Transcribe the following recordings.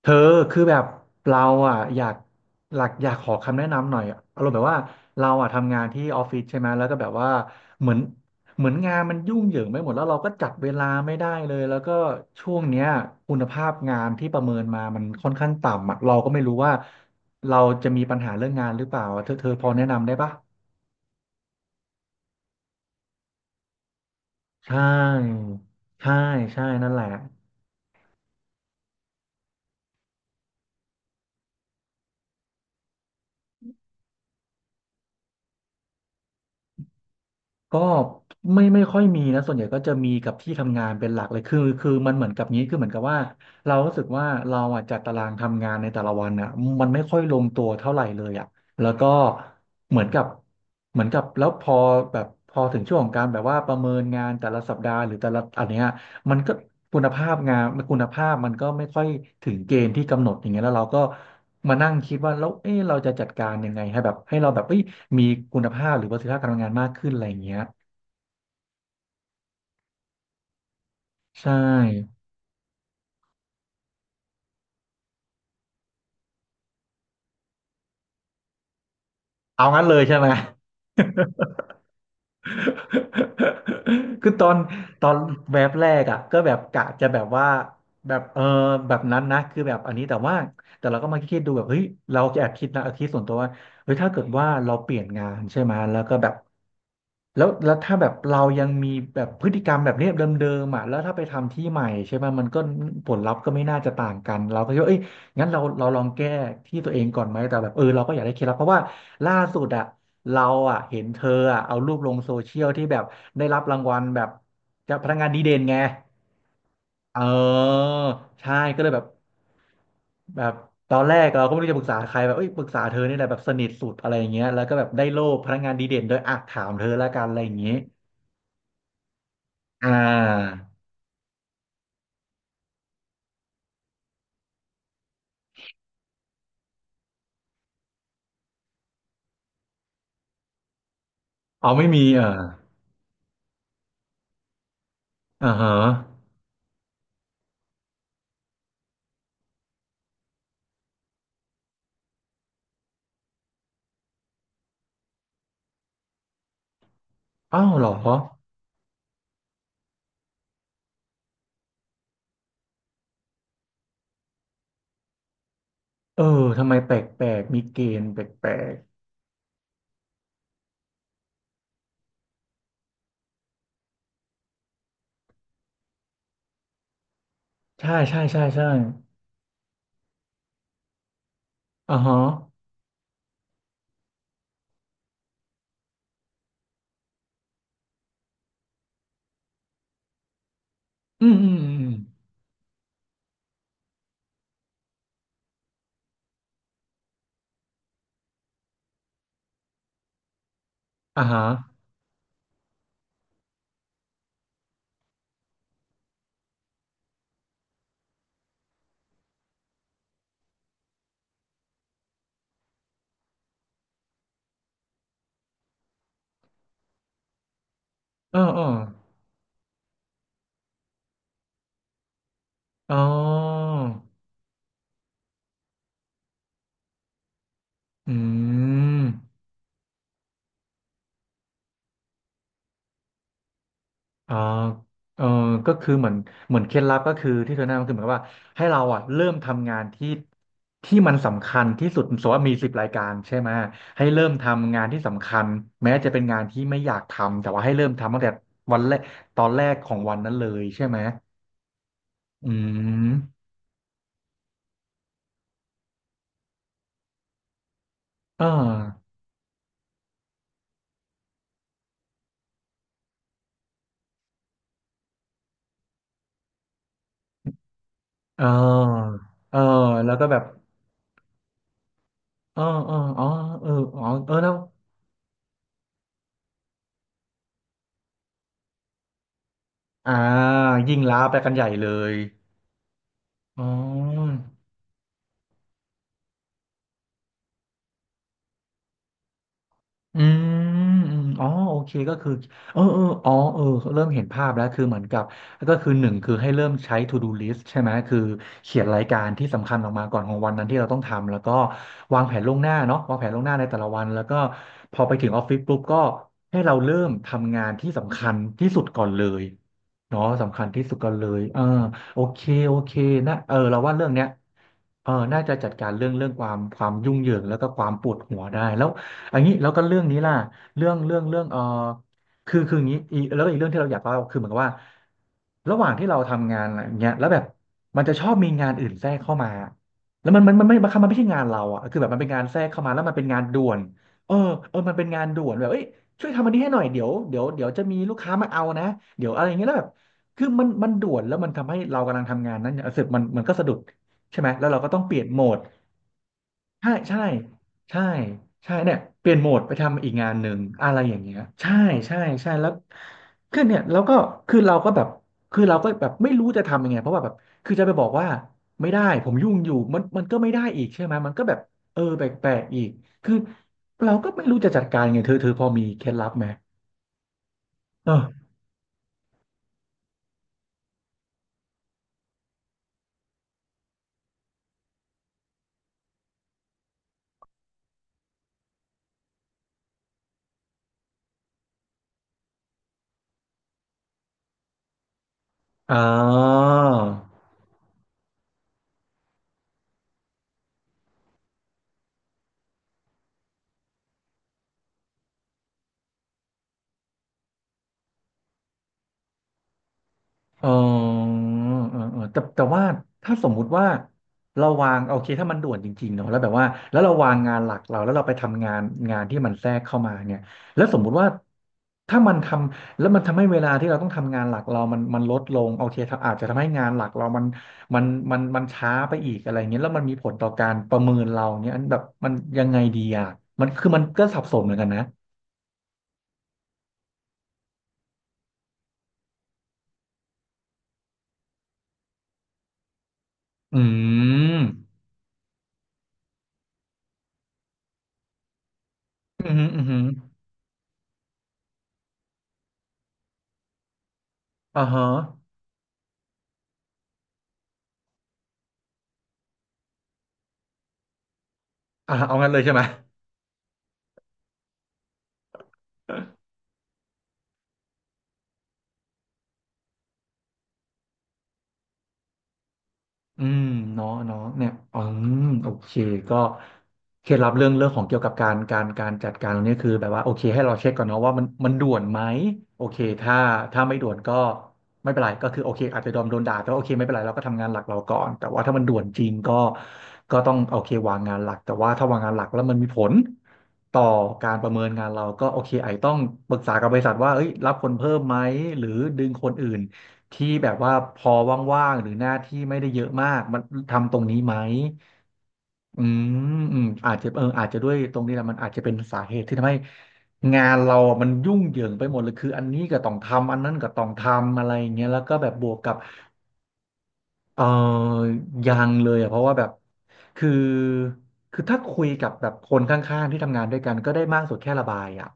เธอคือแบบเราอ่ะอยากหลักอยากขอคำแนะนำหน่อยอารมณ์แบบว่าเราอ่ะทำงานที่ออฟฟิศใช่ไหมแล้วก็แบบว่าเหมือนเหมือนงานมันยุ่งเหยิงไปหมดแล้วเราก็จัดเวลาไม่ได้เลยแล้วก็ช่วงเนี้ยคุณภาพงานที่ประเมินมามันค่อนข้างต่ำอ่ะเราก็ไม่รู้ว่าเราจะมีปัญหาเรื่องงานหรือเปล่าเธอพอแนะนำได้ปะใช่ใช่ใช่นั่นแหละ ก็ไม่ค่อยมีนะส่วนใหญ่ก็จะมีกับที่ทำงานเป็นหลักเลยคือมันเหมือนกับนี้คือเหมือนกับว่าเรารู้สึกว่าเราอ่ะจัดตารางทำงานในแต่ละวันอ่ะมันไม่ค่อยลงตัวเท่าไหร่เลยอ่ะแล้วก็เหมือนกับเหมือนกับแล้วพอแบบพอถึงช่วงของการแบบว่าประเมินงานแต่ละสัปดาห์หรือแต่ละอันเนี้ยมันก็คุณภาพงานคุณภาพมันก็ไม่ค่อยถึงเกณฑ์ที่กำหนดอย่างเงี้ยแล้วเราก็ มานั่งคิดว่าแล้วเอ๊ะเราจะจัดการยังไงให้แบบให้เราแบบเอ้ยมีคุณภาพหรือประสิทธิภาพการทำงานมากขึ้นอะไรอย่างเงี้ยใช่เอางั้นเลยใช่ไหม คือตอนแวบแรกอ่ะก็แบบกะจะแบบว่าแบบเออแบบนั้นนะคือแบบอันนี้แต่ว่าแต่เราก็มาคิดดูแบบเฮ้ยเราแอบคิดนะเอาคิดส่วนตัวว่าเฮ้ยถ้าเกิดว่าเราเปลี่ยนงานใช่ไหมแล้วก็แบบแล้วถ้าแบบเรายังมีแบบพฤติกรรมแบบเนี้ยเดิมๆอ่ะแล้วถ้าไปทำที่ใหม่ใช่ไหมมันก็ผลลัพธ์ก็ไม่น่าจะต่างกันเราก็คิดว่าเอ้ย งั้นเราลองแก้ที่ตัวเองก่อนไหมแต่แบบเออเราก็อยากได้เคล็ดลับเพราะว่าล่าสุดอะเราอะเห็นเธออะเอารูปลงโซเชียลที่แบบได้รับรางวัลแบบจากพนักงานดีเด่นไงเออใช่ก็เลยแบบแบบตอนแรกเราก็ไม่รู้จะปรึกษาใครแบบเอ้ยปรึกษาเธอนี่แหละแบบสนิทสุดอะไรอย่างเงี้ยแล้วก็แบบได้โล่พนักงานดีเด่นด้วยอ่ะถามเธอละกันอะไรอย่างเงี้ยอ่าเอาไม่มีเอออ่าฮะอ้าวเหรอเออทำไมแปลกๆมีเกณฑ์แปลก ใช่ใช่ใช่ใช่อ่าฮะอืมอืมอืมอ่าฮะเออเอออ๋ออืมอ่าเออก็คือเหมือนเคล็ดลับก็คือที่เธอแนะนำคือเหมือนกับว่าให้เราอ่ะเริ่มทำงานที่มันสำคัญที่สุดสมมติว่ามี10 รายการใช่ไหมให้เริ่มทำงานที่สำคัญแม้จะเป็นงานที่ไม่อยากทำแต่ว่าให้เริ่มทำตั้งแต่วันแรกตอนแรกของวันนั้นเลยใช่ไหมอืมอ่าเอ่าเออแล้วก็แบบ อ๋ออ๋ออ๋อเอออ๋อเออแล้วอ่ายิ่งล้าไปกันใหญ่เลยอ๋อ อืมอืมอ๋อโอเคก็คือเออเอออ๋อเออเริ่มเห็นภาพแล้วคือเหมือนกับก็คือหนึ่งคือให้เริ่มใช้ to do list ใช่ไหมคือเขียนรายการที่สำคัญออกมาก่อนของวันนั้นที่เราต้องทำ แล้วก็วางแผนล่วงหน้าเนาะวางแผนล่วงหน้าในแต่ละวัน แล้วก็พอไปถึงออฟฟิศปุ๊บก็ให้เราเริ่มทำงานที่สำคัญที่สุดก่อนเลยเนาะสำคัญที่สุดก่อนเลยเออโอเคโอเคนะเออเราว่าเรื่องเนี้ย เออน่าจะจัดการเรื่องความยุ่งเหยิงแล้วก็ความปวดหัวได้แล้วอันนี้แล้วก็เรื่องนี้ล่ะเรื่องเออคืออย่างนี้อีกแล้วก็อีกเรื่องที่เราอยากเล่าคือเหมือนกับว่าระหว่างที่เราทำงานอะไรอย่างเงี้ยแล้วแบบมันจะชอบมีงานอื่นแทรกเข้ามาแล้วมันไม่บางครั้งมันไม่ใช่งานเราอ่ะคือแบบมันเป็นงานแทรกเข้ามาแล้วมันเป็นงานด่วนเออเออมันเป็นงานด่วนแบบเอ้ยช่วยทำอันนี้ให้หน่อยเดี๋ยวจะมีลูกค้ามาเอานะเดี๋ยวอะไรอย่างเงี้ยแล้วแบบคือมันด่วนแล้วมันทำให้เรากำลังทำงานนั้นเนี่ยเสร็จมันก็สะดุด ใช่ไหมแล้วเราก็ต้องเปลี่ยนโหมดใช่ใช่ใช่ใช่เนี่ยเปลี่ยนโหมดไปทำอีกงานหนึ่งอะไรอย่างเงี้ยใช่ใช่แล้วคือเนี่ยแล้วก็คือเราก็แบบคือเราก็แบบไม่รู้จะทำยังไงเพราะว่าแบบคือจะไปบอกว่าไม่ได้ผมยุ่งอยู่มันก็ไม่ได้อีกใช่ไหมมันก็แบบเออแปลกๆอีกคือเราก็ไม่รู้จะจัดการยังไงเธอพอมีเคล็ดลับไหมเอออ่า อ๋อเออแต่ว่าถ้าสมมุติว่าเราวางโอเคถ้ามันด่วนจริงๆเนาะแล้วแบบว่าแล้วเราวางงานหลักเราแล้วเราไปทำงานงานที่มันแทรกเข้ามาเนี่ยแล้วสมมุติว่าถ้ามันทำแล้วมันทำให้เวลาที่เราต้องทำงานหลักเรามันลดลงโอเคถ้าอาจจะทำให้งานหลักเรามันมันช้าไปอีกอะไรเงี้ยแล้วมันมีผลต่อการประเมินเราเนี่ยอันแบบมันยังไงดีอ่ะมันคือมันก็สับสนเหมือนกันนะอืมอืมอหืมออือหืออ่าฮะอ่าเอางั้นเลยใช่ไหม อืมเนาะเนาะเนี่ยมโอเคก็เคล็ดลับเรื่องของเกี่ยวกับการจัดการตรงนี้คือแบบว่าโอเคให้เราเช็คก่อนเนาะว่ามันด่วนไหมโอเคถ้าไม่ด่วนก็ไม่เป็นไรก็คือโอเคอาจจะโดนด่าแต่ว่าโอเคไม่เป็นไรเราก็ทำงานหลักเราก่อนแต่ว่าถ้ามันด่วนจริงก็ก็ต้องโอเควางงานหลักแต่ว่าถ้าวางงานหลักแล้วมันมีผลต่อการประเมินงานเราก็โอเคไอจต้องปรึกษากับบริษัทว่าเอ้ยรับคนเพิ่มไหมหรือดึงคนอื่น ที่แบบว่าพอว่างๆหรือหน้าที่ไม่ได้เยอะมากมันทำตรงนี้ไหมอืมอืมอาจจะเอออาจจะด้วยตรงนี้แหละมันอาจจะเป็นสาเหตุที่ทำให้งานเราอะมันยุ่งเหยิงไปหมดเลยคืออันนี้ก็ต้องทำอันนั้นก็ต้องทำอะไรอย่างเงี้ยแล้วก็แบบบวกกับเออยังเลยอ่ะเพราะว่าแบบคือคือถ้าคุยกับแบบคนข้างๆที่ทำงานด้วยกันก็ได้มากสุดแค่ระบายอ่ะ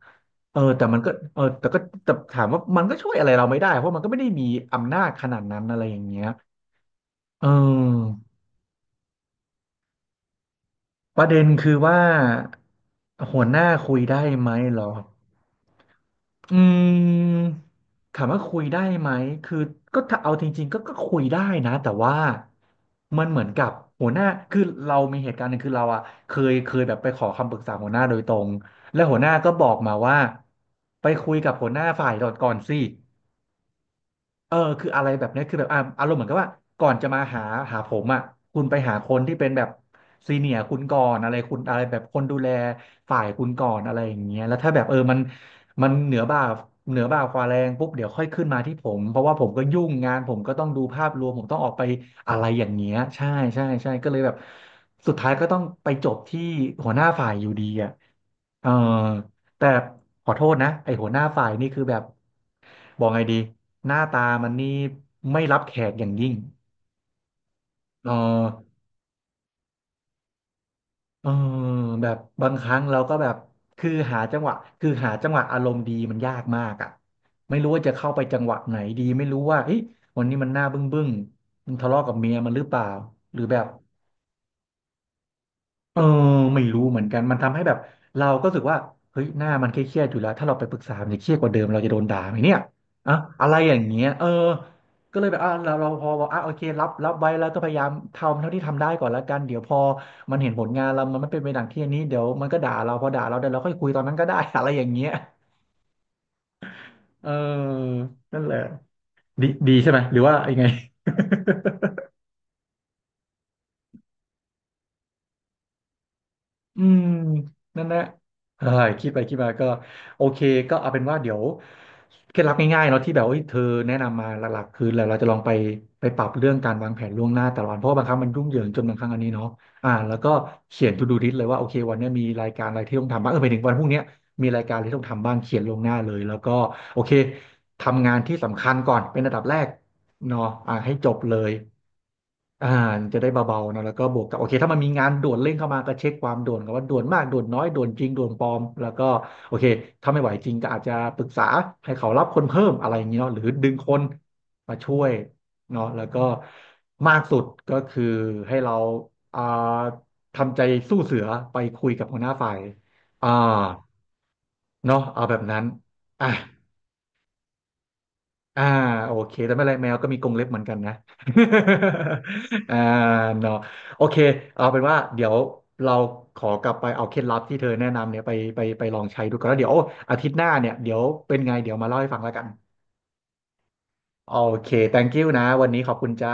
เออแต่มันก็เออแต่ก็แต่ถามว่ามันก็ช่วยอะไรเราไม่ได้เพราะมันก็ไม่ได้มีอำนาจขนาดนั้นอะไรอย่างเงี้ย เออประเด็นคือว่าหัวหน้าคุยได้ไหมเหรออืมถามว่าคุยได้ไหมคือก็ถ้าเอาจริงๆก็ก็คุยได้นะแต่ว่ามันเหมือนกับหัวหน้าคือเรามีเหตุการณ์หนึ่งคือเราอะเคยแบบไปขอคำปรึกษาหัวหน้าโดยตรงและหัวหน้าก็บอกมาว่าไปคุยกับหัวหน้าฝ่ายก่อนสิ เออคืออะไรแบบเนี้ยคือแบบอ่ะอารมณ์เหมือนกับว่าก่อนจะมาหาผมอ่ะคุณไปหาคนที่เป็นแบบซีเนียร์คุณก่อนอะไรคุณอะไรแบบคนดูแลฝ่ายคุณก่อนอะไรอย่างเงี้ยแล้วถ้าแบบเออมันมันเหนือบ่าเหนือบ่าควาแรงปุ๊บเดี๋ยวค่อยขึ้นมาที่ผมเพราะว่าผมก็ยุ่งงานผมก็ต้องดูภาพรวมผมต้องออกไปอะไรอย่างเงี้ยใช่ใช่ใช่ก็เลยแบบสุดท้ายก็ต้องไปจบที่หัวหน้าฝ่ายอยู่ดีอ่ะ เออแต่ขอโทษนะไอหัวหน้าฝ่ายนี่คือแบบบอกไงดีหน้าตามันนี่ไม่รับแขกอย่างยิ่งเออเออแบบบางครั้งเราก็แบบคือหาจังหวะคือหาจังหวะอารมณ์ดีมันยากมากอ่ะไม่รู้ว่าจะเข้าไปจังหวะไหนดีไม่รู้ว่าเฮ้ยวันนี้มันหน้าบึ้งมันทะเลาะกับเมียมันหรือเปล่าหรือแบบ เออไม่รู้เหมือนกันมันทำให้แบบเราก็รู้สึกว่าเฮ้ยหน้ามันเครียดๆอยู่แล้วถ้าเราไปปรึกษามันจะเครียดกว่าเดิมเราจะโดนด่าไหมเนี่ยอะอะไรอย่างเงี้ยเออก็เลยแบบอ่ะเราพอบอกอ่ะโอเครับไว้แล้วก็พยายามทำเท่าที่ทำได้ก่อนละกันเดี๋ยวพอมันเห็นผลงานเรามันไม่เป็นไปดังที่อันนี้เดี๋ยวมันก็ด่าเราพอด่าเราเดี๋ยวเราค่อยคุยตอนนั้นก็ได้ อะไรอย่างเงี้ยเออนั่นแหละดีใช่ไหมหรือว่ายังไง อืมนั่นแหละเออคิดไปคิดมาก็โอเคก็เอาเป็นว่าเดี๋ยวเคล็ดลับง่ายๆเนาะที่แบบว่าเอ้ยเธอแนะนำมาหลักๆคือแล้วเราจะลองไปปรับเรื่องการวางแผนล่วงหน้าแต่ละวันเพราะว่าบางครั้งมันยุ่งเหยิงจนบางครั้งอันนี้เนาะอ่าแล้วก็เขียน to do list เลยว่าโอเควันเนี้ยมีรายการอะไรที่ต้องทำบ้างเออไปถึงวันพรุ่งเนี้ยมีรายการอะไรที่ต้องทำบ้างเขียนล่วงหน้าเลยแล้วก็โอเคทำงานที่สำคัญก่อนเป็นอันดับแรกเนาะอ่าให้จบเลย อ่าจะได้เบาๆเนอะแล้วก็บวกกับโอเคถ้ามันมีงานด่วนเร่งเข้ามาก็เช็คความด่วนกันว่าด่วนมากด่วนน้อยด่วนจริงด่วนปลอมแล้วก็โอเคถ้าไม่ไหวจริงก็อาจจะปรึกษาให้เขารับคนเพิ่มอะไรอย่างเงี้ยเนาะหรือดึงคนมาช่วยเนาะแล้วก็มากสุดก็คือให้เราอ่าทำใจสู้เสือไปคุยกับหัวหน้าฝ่ายอ่าเนาะเอาแบบนั้นอ่ะ อ่าโอเคแต่ไม่เป็นไรแมวก็มีกรงเล็บเหมือนกันนะ อ่าเนาะโอเคเอาเป็นว่าเดี๋ยวเราขอกลับไปเอาเคล็ดลับที่เธอแนะนำเนี่ยไปลองใช้ดูก่อนแล้วเดี๋ยวอาทิตย์หน้าเนี่ยเดี๋ยวเป็นไงเดี๋ยวมาเล่าให้ฟังแล้วกันโอเค thank you นะวันนี้ขอบคุณจ้า